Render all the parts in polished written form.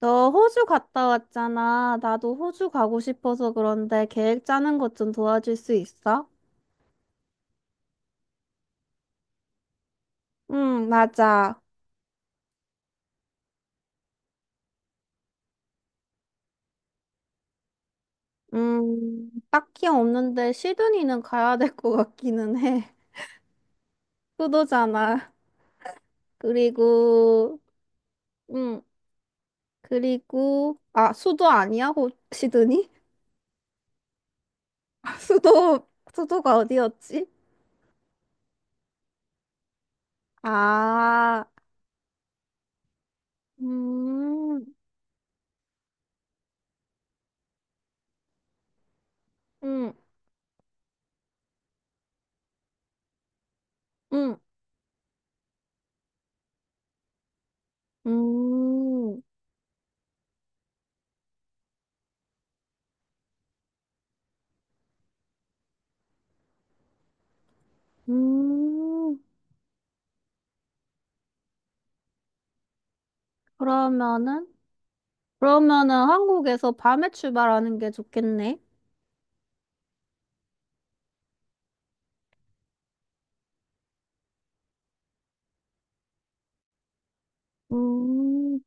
너 호주 갔다 왔잖아. 나도 호주 가고 싶어서, 그런데 계획 짜는 것 좀 도와줄 수 있어? 응, 맞아. 딱히 없는데 시드니는 가야 될 것 같기는 해. 수도잖아. 그리고, 응, 그리고, 아, 수도 아니야? 시드니? 아, 수도가 어디였지? 아, 음, 음, 음, 음, 음. 그러면은? 그러면은 한국에서 밤에 출발하는 게 좋겠네. 음,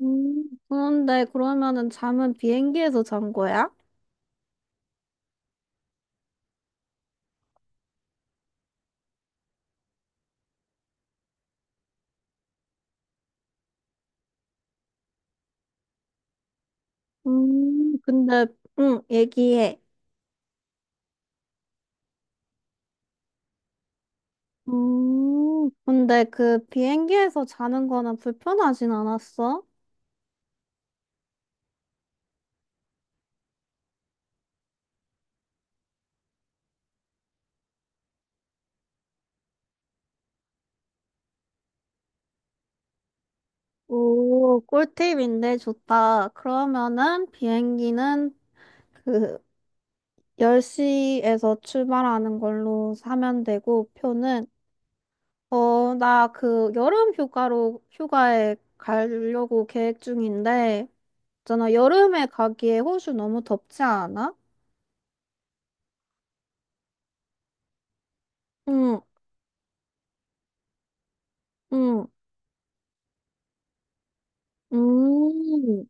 그런데 그러면은 잠은 비행기에서 잔 거야? 근데 응, 얘기해. 음. 근데 그 비행기에서 자는 거는 불편하진 않았어? 오, 꿀팁인데 좋다. 그러면은 비행기는 그 10시에서 출발하는 걸로 사면 되고, 표는, 어, 나 그 여름 휴가로 휴가에 가려고 계획 중인데, 있잖아, 여름에 가기에 호주 너무 덥지 않아? 응, 응, 음,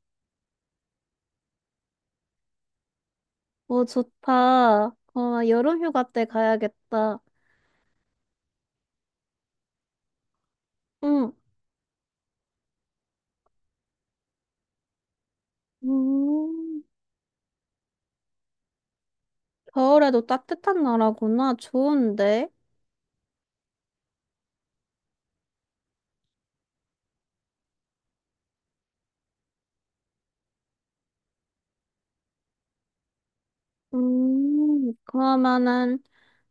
어, 좋다. 어, 여름 휴가 때 가야겠다. 응, 음, 겨울에도 따뜻한 나라구나. 좋은데? 그러면은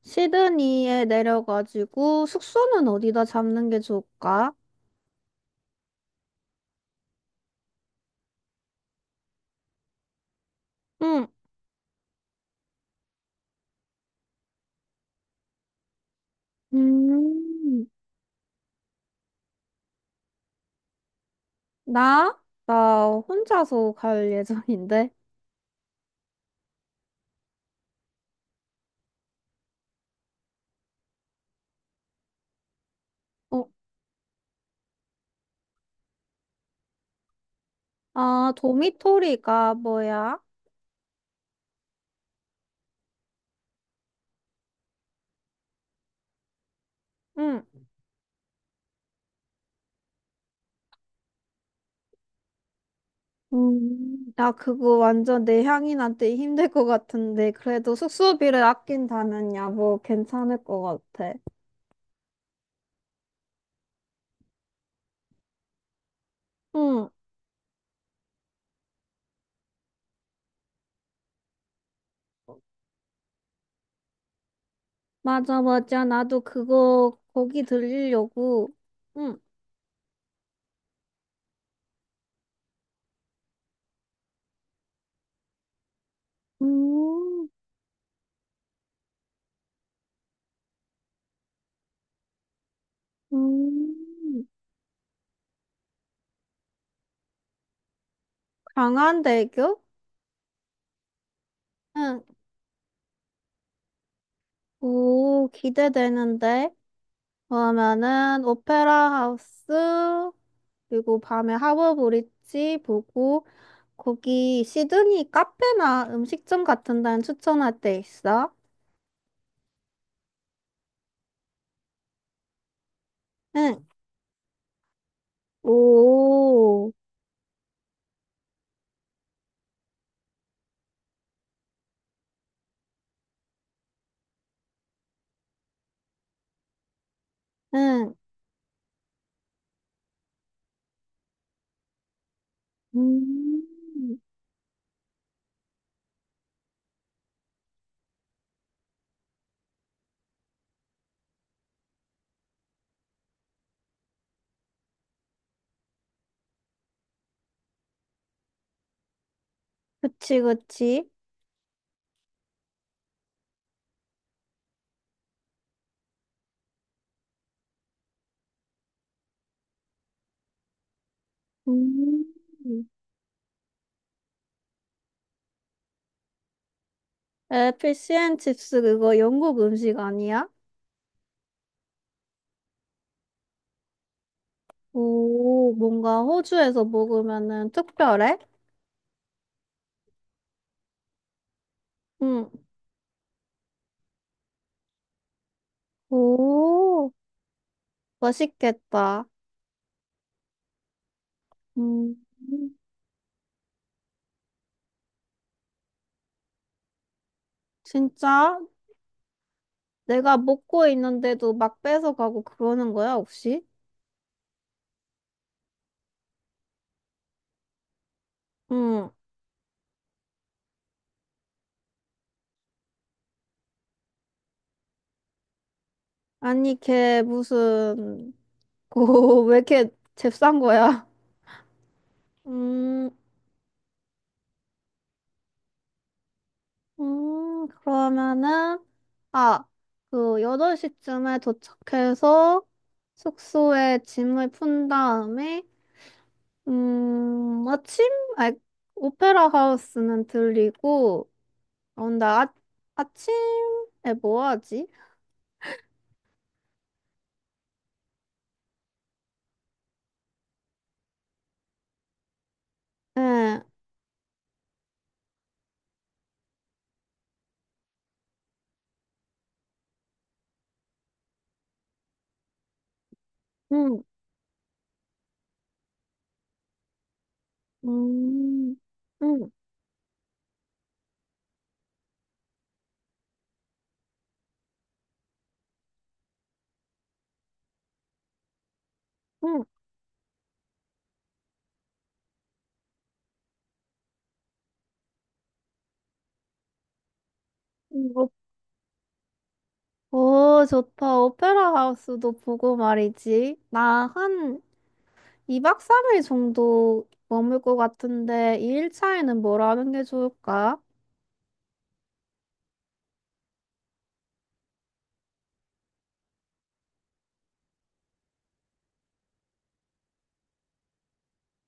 시드니에 내려가지고 숙소는 어디다 잡는 게 좋을까? 응, 음. 나? 나 혼자서 갈 예정인데. 어, 아, 도미토리가 뭐야? 응. 나 그거 완전 내 향인한테 힘들 것 같은데. 그래도 숙소비를 아낀다면 야, 뭐 괜찮을 것 같아. 응. 맞아, 맞아. 나도 그거 거기 들리려고. 응. 음, 음, 강한대교? 응. 오, 기대되는데. 그러면은 오페라 하우스 그리고 밤에 하버 브릿지 보고, 거기 시드니 카페나 음식점 같은 데는 추천할 데 있어? 응. 오. 응. 음. 그치, 그치. 음. 에, 피시앤칩스 그거 영국 음식 아니야? 오, 뭔가 호주에서 먹으면은 특별해? 응. 오, 맛있겠다. 음. 진짜? 내가 먹고 있는데도 막 뺏어가고 그러는 거야, 혹시? 응. 아니, 걔 무슨, 왜 이렇게 잽싼 거야? 음, 그러면은, 아, 그, 8시쯤에 도착해서 숙소에 짐을 푼 다음에, 아침? 아, 오페라 하우스는 들리고, 어, 나, 아, 아침에 뭐 하지? 예. 음, 음, 음, 음, 오, 오, 좋다. 오페라 하우스도 보고 말이지. 나 한 2박 3일 정도 머물 것 같은데, 이 1차에는 뭘 하는 게 좋을까?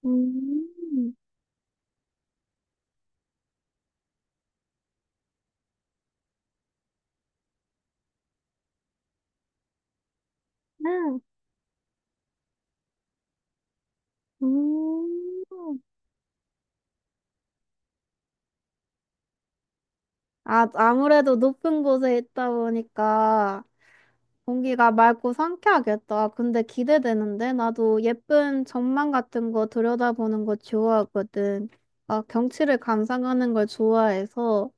음, 음, 음. 아, 아무래도 높은 곳에 있다 보니까 공기가 맑고 상쾌하겠다. 근데 기대되는데? 나도 예쁜 전망 같은 거 들여다보는 거 좋아하거든. 아, 경치를 감상하는 걸 좋아해서,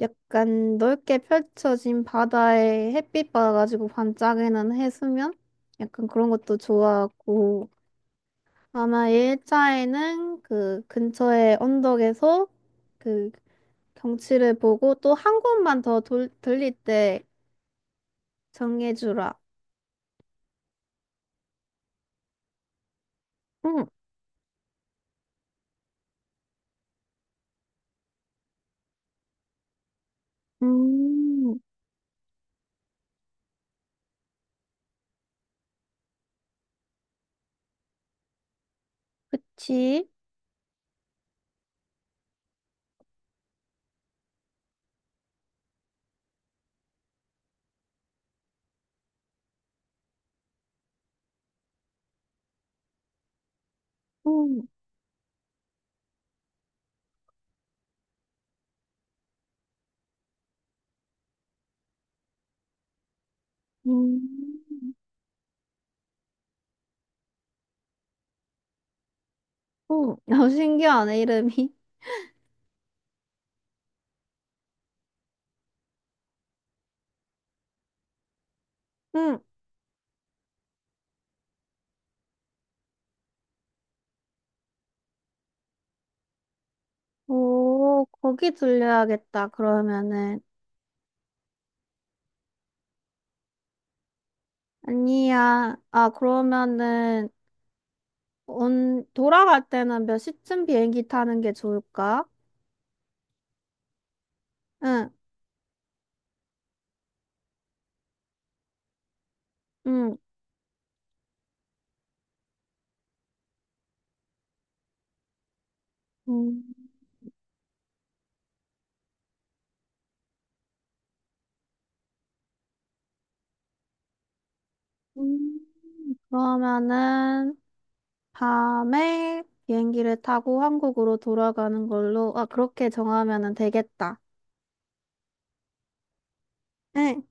약간 넓게 펼쳐진 바다에 햇빛 받아가지고 반짝이는 해수면? 약간 그런 것도 좋아하고. 아마 1차에는 그 근처의 언덕에서 그 경치를 보고, 또 한 곳만 더 들릴 때 정해주라. 응. 음. 그치? 응, 음, 응, 어, 신기하네, 이름이. 응, 오, 거기 들려야겠다, 그러면은. 아니야. 아, 그러면은, 돌아갈 때는 몇 시쯤 비행기 타는 게 좋을까? 응, 응. 음, 음, 그러면은, 밤에 비행기를 타고 한국으로 돌아가는 걸로, 아, 그렇게 정하면은 되겠다. 응.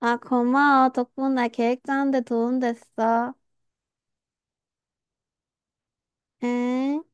아, 고마워. 덕분에 계획 짜는데 도움 됐어. 응?